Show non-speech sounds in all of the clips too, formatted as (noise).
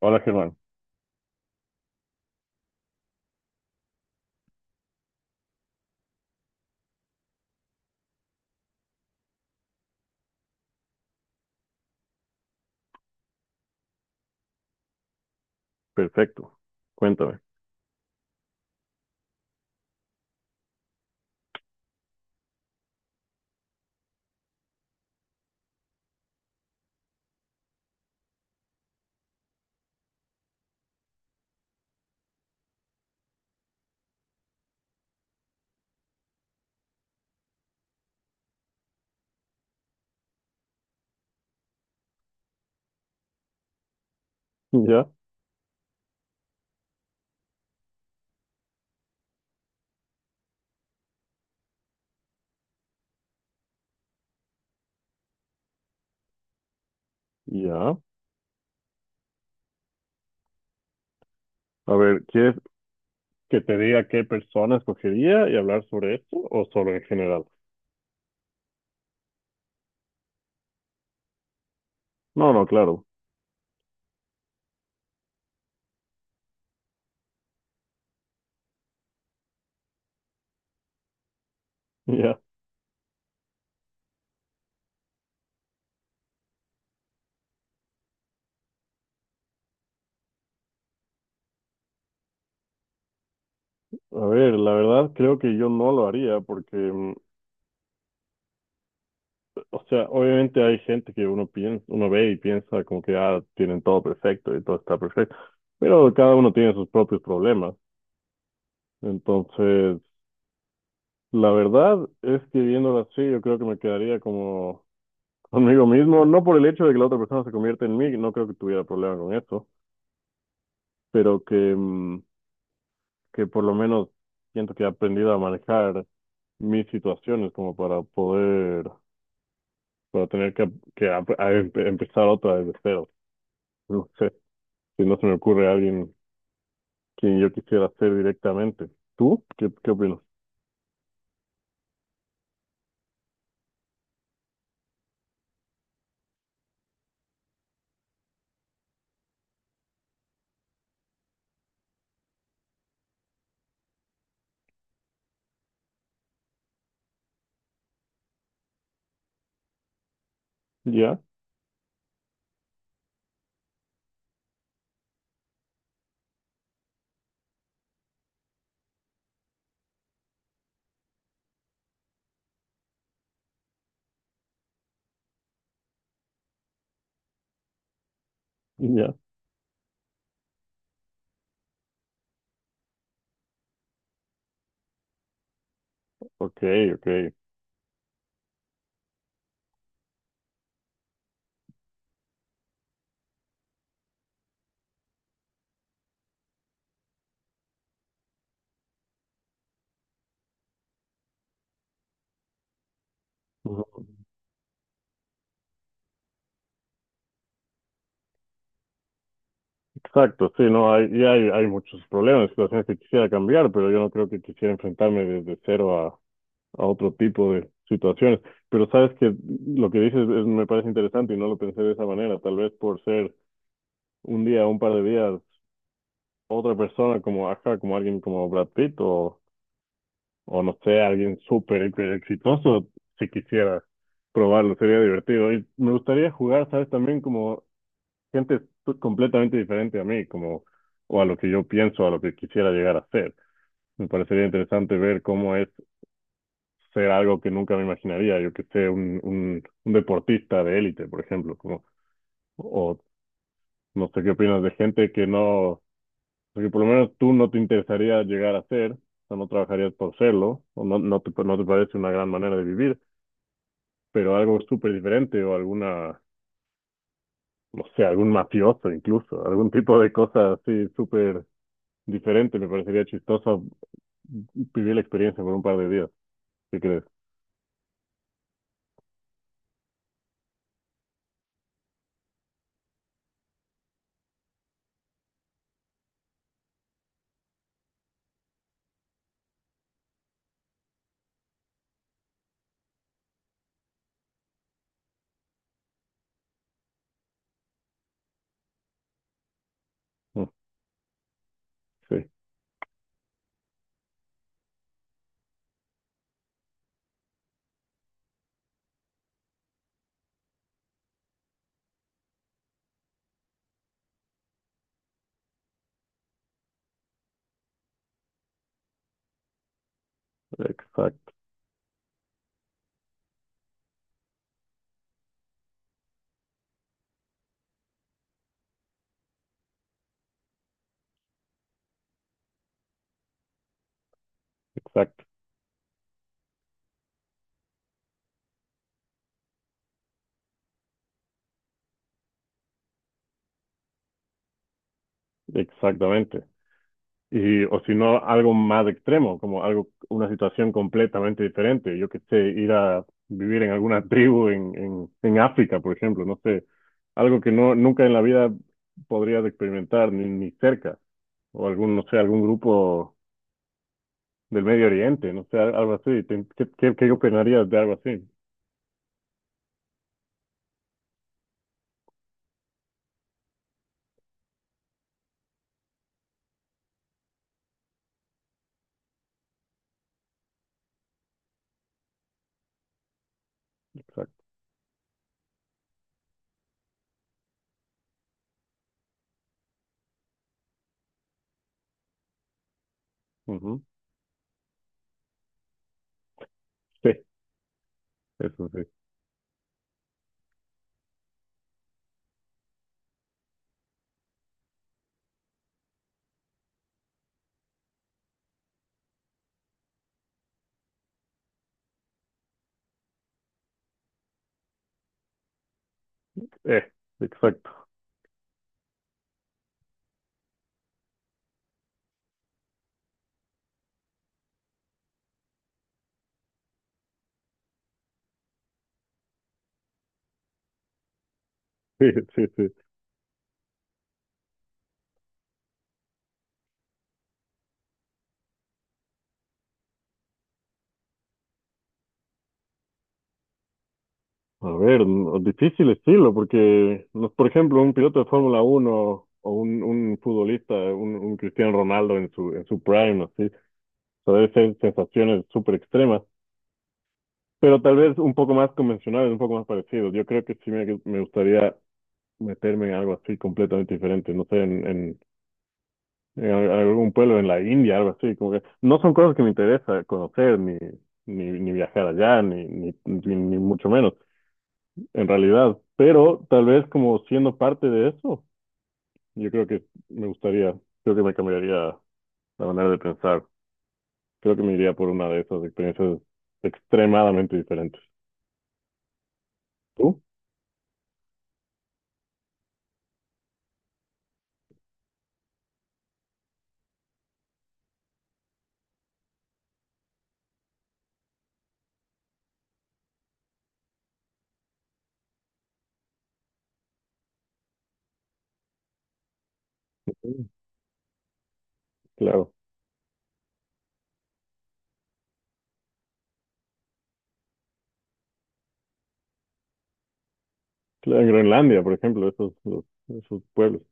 Hola Germán, perfecto. Cuéntame. Ya, ya. A ver, ¿quieres que te diga qué persona escogería y hablar sobre esto o solo en general? No, no, claro. (laughs) Ya. A ver, la verdad creo que yo no lo haría porque, o sea, obviamente hay gente que uno piensa, uno ve y piensa como que ah, tienen todo perfecto y todo está perfecto, pero cada uno tiene sus propios problemas. Entonces, la verdad es que viéndolo así, yo creo que me quedaría como conmigo mismo, no por el hecho de que la otra persona se convierta en mí, no creo que tuviera problema con eso, pero que que por lo menos siento que he aprendido a manejar mis situaciones como para poder, para tener que empezar otra desde cero. No sé, si no se me ocurre a alguien quien yo quisiera ser directamente. ¿Tú? ¿Qué opinas? ¿Ya? ¿Ya? Ok, ok. Ujú. Exacto, sí, no, hay muchos problemas, situaciones que quisiera cambiar, pero yo no creo que quisiera enfrentarme desde cero a otro tipo de situaciones. Pero sabes que lo que dices es- me parece interesante y no lo pensé de esa manera. Tal vez por ser un día, un par de días, otra persona como Aja, como alguien como Brad Pitt o no sé, alguien súper hiper exitoso, si quisiera probarlo, sería divertido. Y me gustaría jugar, sabes, también como gente t- completamente diferente a mí, como o a lo que yo pienso, a lo que quisiera llegar a ser. Me parecería interesante ver cómo es ser algo que nunca me imaginaría, yo que sé, un deportista de élite, por ejemplo, como, o no sé qué opinas de gente que no, que por lo menos tú no te interesaría llegar a ser, o no trabajarías por serlo, o no, no te parece una gran manera de vivir, pero algo súper diferente o alguna, no sé, algún mafioso incluso, algún tipo de cosa así súper diferente, me parecería chistoso vivir la experiencia por un par de días, ¿qué crees? Mm, sí, exacto, exacto. Exactamente. Y, o si no, algo más extremo, como algo, una situación completamente diferente. Yo que sé, ir a vivir en alguna (laughs) tribu en África, por ejemplo, no sé, algo que no, nunca en la vida podrías experimentar, ni, ni cerca. O algún, no sé, algún grupo del Medio Oriente, no sé, al- algo así. Te- qué opinarías de algo así? Exacto. Ujú. Sí, eso sí. Eh, exacto. (laughs) Sí, sí, sí. A ver, no- difícil estilo, porque, no- por ejemplo, un piloto de Fórmula 1 o un futbolista, un Cristiano Ronaldo en en su prime, así, o sea, debe ser sensaciones súper extremas, pero tal vez un poco más convencionales, un poco más parecidos. Yo creo que sí me gustaría meterme en algo así completamente diferente, no sé, en al- algún pueblo en la India, algo así, como que no son cosas que me interesa conocer, ni viajar allá, ni mucho menos. En realidad, pero tal vez como siendo parte de eso, yo creo que me gustaría, creo que me cambiaría la manera de pensar. Creo que me iría por una de esas experiencias extremadamente diferentes. ¿Tú? Sí, claro. Claro, en Groenlandia, por ejemplo, esos, los- esos pueblos.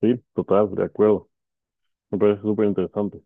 Sí, total, de acuerdo. Me parece súper interesante.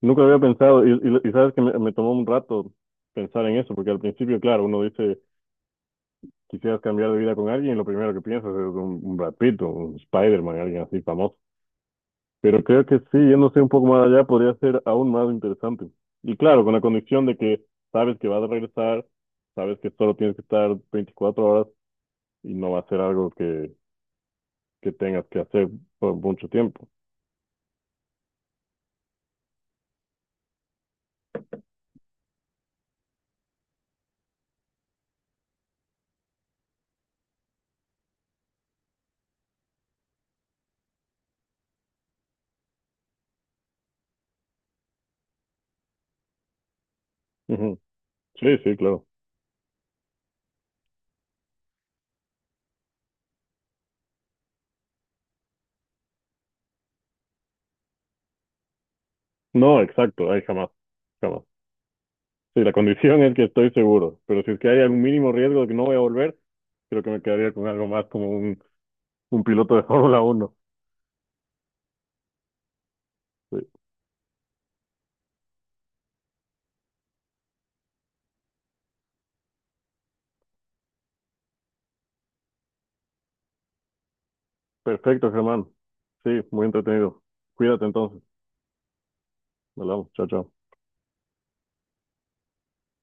Nunca había pensado, y sabes que me tomó un rato pensar en eso, porque al principio, claro, uno dice, quisieras cambiar de vida con alguien, y lo primero que piensas es un Brad Pitt, o un Spider-Man, alguien así famoso. Pero creo que sí, yéndose un poco más allá podría ser aún más interesante. Y claro, con la condición de que sabes que vas a regresar, sabes que solo tienes que estar 24 horas y no va a ser algo que tengas que hacer por mucho tiempo. Ujú. Sí, sí, claro. No, exacto, ahí jamás, jamás. Sí, la condición es que estoy seguro, pero si es que hay algún mínimo riesgo de que no voy a volver, creo que me quedaría con algo más como un piloto de (laughs) Fórmula 1. Sí. Perfecto, Germán. Sí, muy entretenido. Cuídate entonces. Hablamos. Chao, chao.